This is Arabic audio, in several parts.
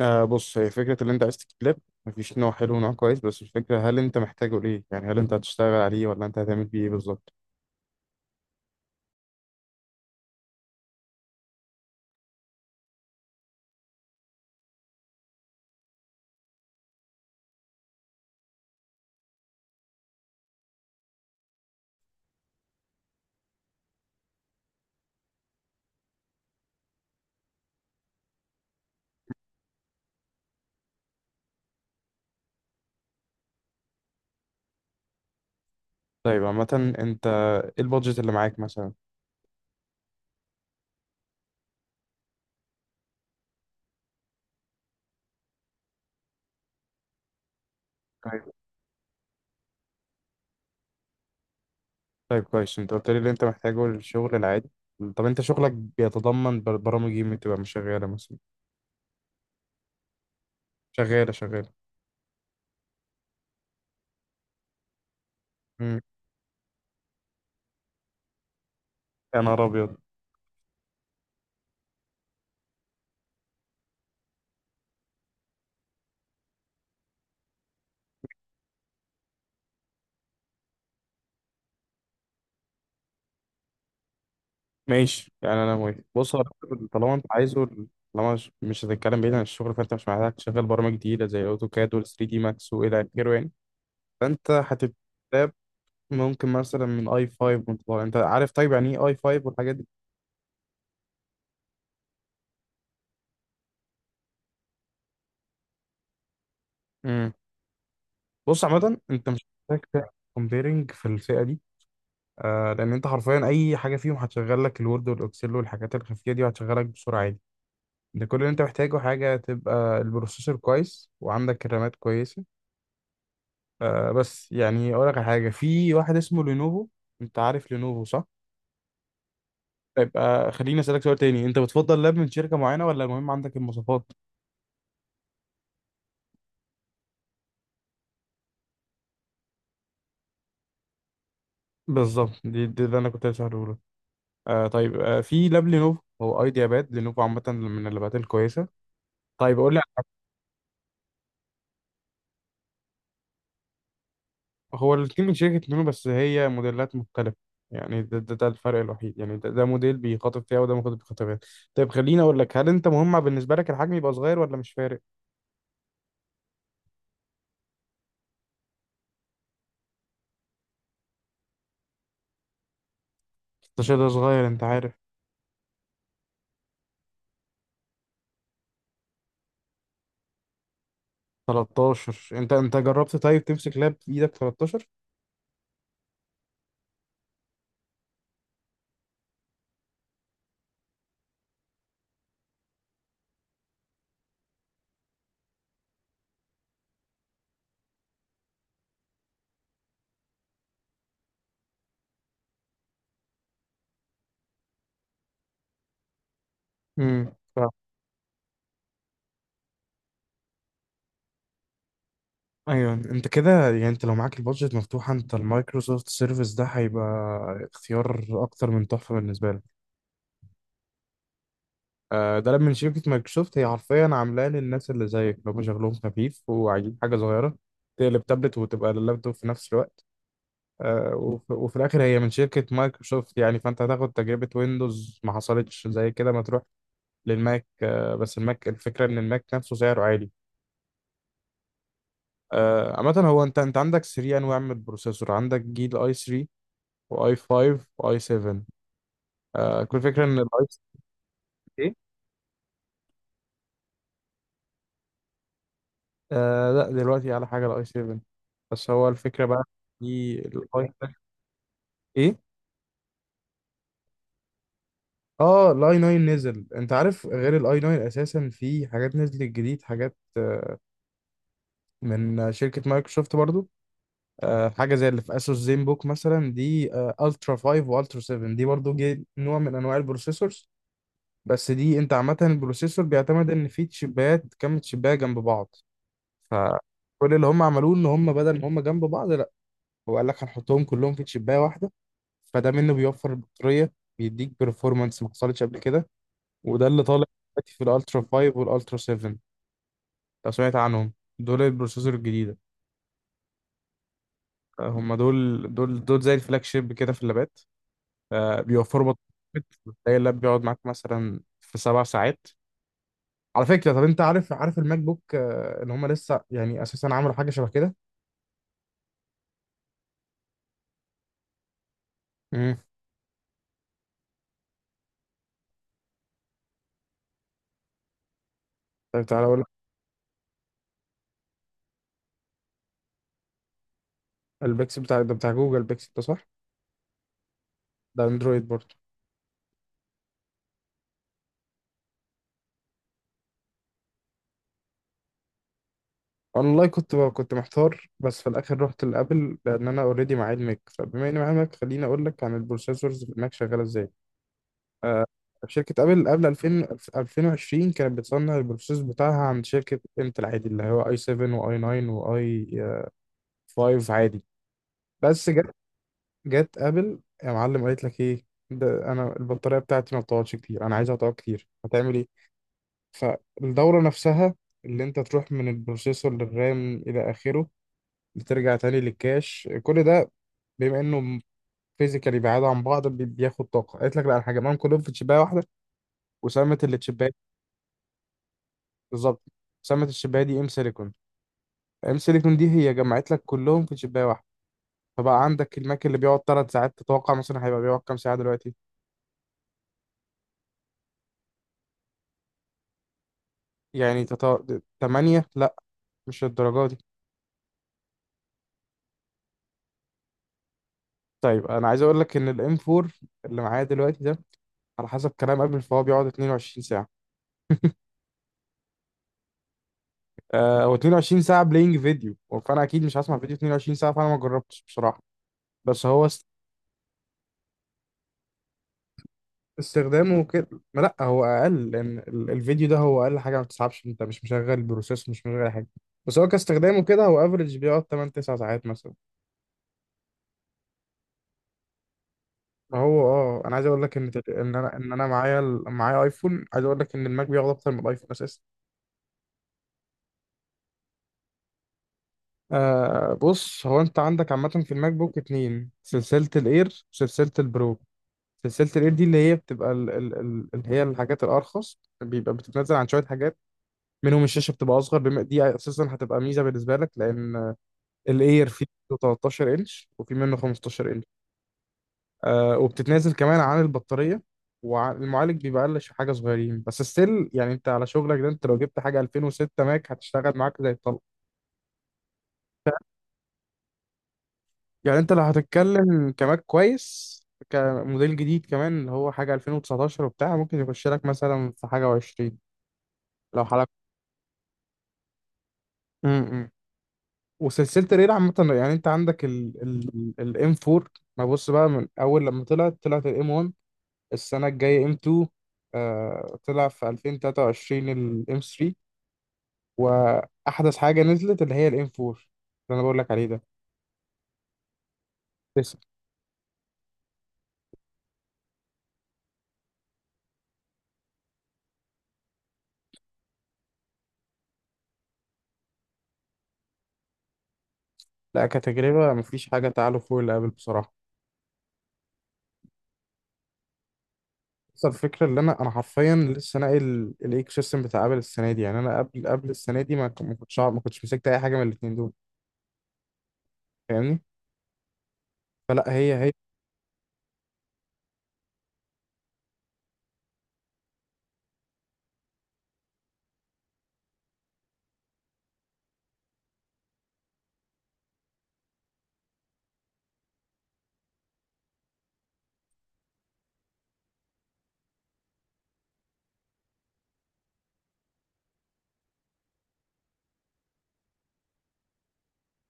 بص، هي فكرة اللي انت عايز تكليب. مفيش نوع حلو ونوع كويس، بس الفكرة هل انت محتاجه ليه؟ يعني هل انت هتشتغل عليه ولا انت هتعمل بيه ايه بالظبط؟ طيب، عامة انت ايه البادجت اللي معاك مثلا؟ طيب. طيب، كويس، انت قلت لي اللي انت محتاجه للشغل العادي. طب انت شغلك بيتضمن برامج ايه اللي بتبقى مش شغالة مثلا؟ شغالة، شغالة. امم يا نهار ابيض! ماشي، يعني انا موافق. بص، هو طالما انت عايزه، طالما مش هتتكلم بعيد عن الشغل، فانت مش محتاج تشغل برامج جديدة زي الاوتوكاد وال 3 دي ماكس والى اخره يعني. فانت هتبقى ممكن مثلا من اي 5 وانت طالع، انت عارف؟ طيب، يعني ايه اي 5 والحاجات دي. امم بص، عامة انت مش محتاج تعمل كومبيرنج في الفئة دي. لان انت حرفيا اي حاجة فيهم هتشغل لك الوورد والاكسل والحاجات الخفية دي، وهتشغلك بسرعة عادي. ده كل اللي انت محتاجه، حاجة تبقى البروسيسور كويس وعندك الرامات كويسة. بس يعني اقول لك على حاجة، في واحد اسمه لينوفو. انت عارف لينوفو صح؟ يبقى خليني اسألك سؤال تاني، انت بتفضل لاب من شركة معينة ولا المهم عندك المواصفات؟ بالظبط، دي, دي ده انا كنت هسأله. طيب، في لاب لينوفو، هو ايديا باد. لينوفو عامة من اللابات الكويسة. طيب، أقول لك. هو الاتنين من شركة لينوفو بس هي موديلات مختلفة. يعني ده الفرق الوحيد، يعني ده موديل بيخاطب فيها وده موديل بيخاطب فيها. طيب، خليني أقول لك، هل أنت مهم بالنسبة لك الحجم يبقى صغير ولا مش فارق؟ 16 ده صغير، أنت عارف. 13، أنت جربت طيب تمسك لاب في إيدك 13؟ امم ف- ايوه، انت كده، يعني انت لو معاك البادجت مفتوحه، انت المايكروسوفت سيرفيس ده هيبقى اختيار اكتر من تحفه بالنسبه لك. ده من شركة مايكروسوفت. هي حرفيا عاملاه للناس اللي زيك، اللي هم شغلهم خفيف وعايزين حاجة صغيرة تقلب تابلت وتبقى لللابتوب في نفس الوقت. وفي الآخر هي من شركة مايكروسوفت يعني، فأنت هتاخد تجربة ويندوز ما حصلتش زي كده ما تروح للماك. بس الماك الفكرة إن الماك نفسه سعره عالي. عامة هو أنت عندك 3 أنواع من البروسيسور، عندك جيل أي 3 وأي 5 وأي 7. كل فكرة إن الأي... لا، دلوقتي على حاجة الاي 7. بس هو الفكرة بقى، في الاي ايه؟ اه الاي 9 نزل، انت عارف، غير الاي 9 اساسا في حاجات نزلت جديد، حاجات من شركة مايكروسوفت برضو. حاجة زي اللي في اسوس زين بوك مثلا دي. الترا 5 والترا 7، دي برضو جي نوع من انواع البروسيسورز. بس دي، انت عامة البروسيسور بيعتمد ان في تشيبات، كم تشيبايه جنب بعض. فكل اللي هم عملوه ان هم بدل ما هم جنب بعض، لا، هو قال لك هنحطهم كلهم في تشيبايه واحدة. فده منه بيوفر البطارية، بيديك performance ما حصلتش قبل كده، وده اللي طالع دلوقتي في الالترا 5 والالترا 7، لو سمعت عنهم. دول البروسيسور الجديدة. هم دول زي الفلاج شيب كده في اللابات. بيوفروا بطارية، بتلاقي اللاب بيقعد معاك مثلا في سبع ساعات. على فكرة، طب انت عارف الماك بوك ان هم لسه يعني اساسا عملوا حاجة شبه كده. امم طب تعالى اقول لك. البيكسل بتاع ده، بتاع جوجل بيكسل ده، صح؟ ده اندرويد برضه. والله كنت بقى كنت محتار، بس في الاخر رحت لابل، لان انا اوريدي معايا الماك، فبما اني معايا الماك خليني اقول لك عن البروسيسورز في الماك شغاله ازاي. آه شركه ابل قبل 2000 2020 كانت بتصنع البروسيسور بتاعها عند شركه انتل عادي، اللي هو اي 7 واي 9 واي 5 عادي. بس جت ابل يا معلم قالت لك ايه؟ ده انا البطاريه بتاعتي ما بتقعدش كتير، انا عايزها تقعد كتير، هتعمل ايه؟ فالدوره نفسها اللي انت تروح من البروسيسور للرام الى اخره، بترجع تاني للكاش، كل ده، بما انه فيزيكالي بعاد عن بعض، بياخد طاقه. قالت لك لا، انا هجمعهم كلهم في تشيبايه واحده وسمت اللي تشيبايه. بالظبط، سمت التشيبايه دي ام سيليكون. ام سيليكون دي هي جمعت لك كلهم في تشيبايه واحده. فبقى عندك الماك اللي بيقعد ثلاث ساعات، تتوقع مثلا هيبقى بيقعد كام ساعه دلوقتي؟ يعني تمانية؟ لا، مش الدرجه دي. طيب انا عايز اقول لك ان الام 4 اللي معايا دلوقتي ده، على حسب كلام قبل، فهو بيقعد 22. هو 22 ساعة بلاينج فيديو، فأنا أكيد مش هسمع فيديو 22 ساعة، فأنا ما جربتش بصراحة. بس هو استخدامه كده، ما، لا، هو أقل، لأن الفيديو ده هو أقل حاجة ما بتسحبش، أنت مش مشغل بروسيس، مش مشغل أي حاجة. بس هو كاستخدامه كده هو افريج بيقعد 8 9 ساعات مثلا. ما هو اه، انا عايز اقول لك ان ان انا معايا معايا ايفون، عايز اقول لك ان الماك بياخد اكتر من الايفون اساسا. بص، هو انت عندك عامة في الماك بوك اتنين، سلسلة الاير وسلسلة البرو. سلسلة الإير دي اللي هي بتبقى ال ال ال اللي هي الحاجات الأرخص، بيبقى بتتنزل عن شوية حاجات، منهم الشاشة بتبقى أصغر، بما دي أساسا هتبقى ميزة بالنسبة لك، لأن الإير فيه 13 إنش وفي منه 15 إنش. وبتتنازل كمان عن البطارية، والمعالج بيبقى أقل، حاجة صغيرين بس ستيل، يعني أنت على شغلك ده، أنت لو جبت حاجة 2006 ماك هتشتغل معاك زي الطلق. يعني أنت لو هتتكلم كماك كويس كموديل جديد كمان، اللي هو حاجة 2019 وبتاع، ممكن يخش لك مثلا في حاجة و20 لو... امم وسلسله الريل عامه، يعني انت عندك ال ال الام 4. ما بص بقى، من اول لما طلعت الام 1، السنه الجايه ام 2، طلع في 2023 الام 3، واحدث حاجه نزلت اللي هي الام 4 اللي انا بقول لك عليه ده. لسه. لا كتجربه مفيش حاجه تعالوا فوق اللي قبل بصراحه. بس الفكره، اللي انا حرفيا لسه ناقل الايكو سيستم بتاع ابل السنه دي، يعني انا قبل السنه دي، ما كنتش مسكت اي حاجه من الاثنين دول. فاهمني؟ فلا، هي هي.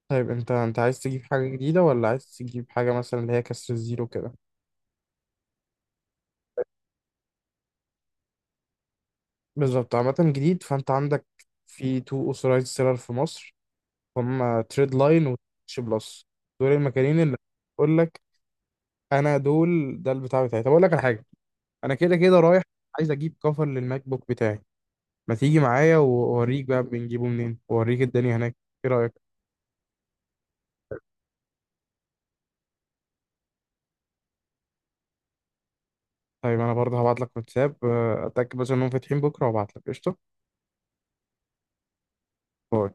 طيب انت عايز تجيب حاجة جديدة، ولا عايز تجيب حاجة مثلا اللي هي كسر الزيرو كده؟ بالظبط، عامة جديد، فانت عندك في تو اوثورايزد سيلر في مصر، هم تريد لاين وتش بلس. دول المكانين اللي بقول لك. انا دول ده البتاع بتاعي. طب اقول لك على حاجة، انا كده كده رايح، عايز اجيب كفر للماك بوك بتاعي، ما تيجي معايا واوريك بقى بنجيبه منين، واوريك الدنيا هناك، ايه رأيك؟ طيب انا برضه هبعت لك واتساب، اتاكد بس انهم فاتحين بكرة وابعت لك قشطة. باي.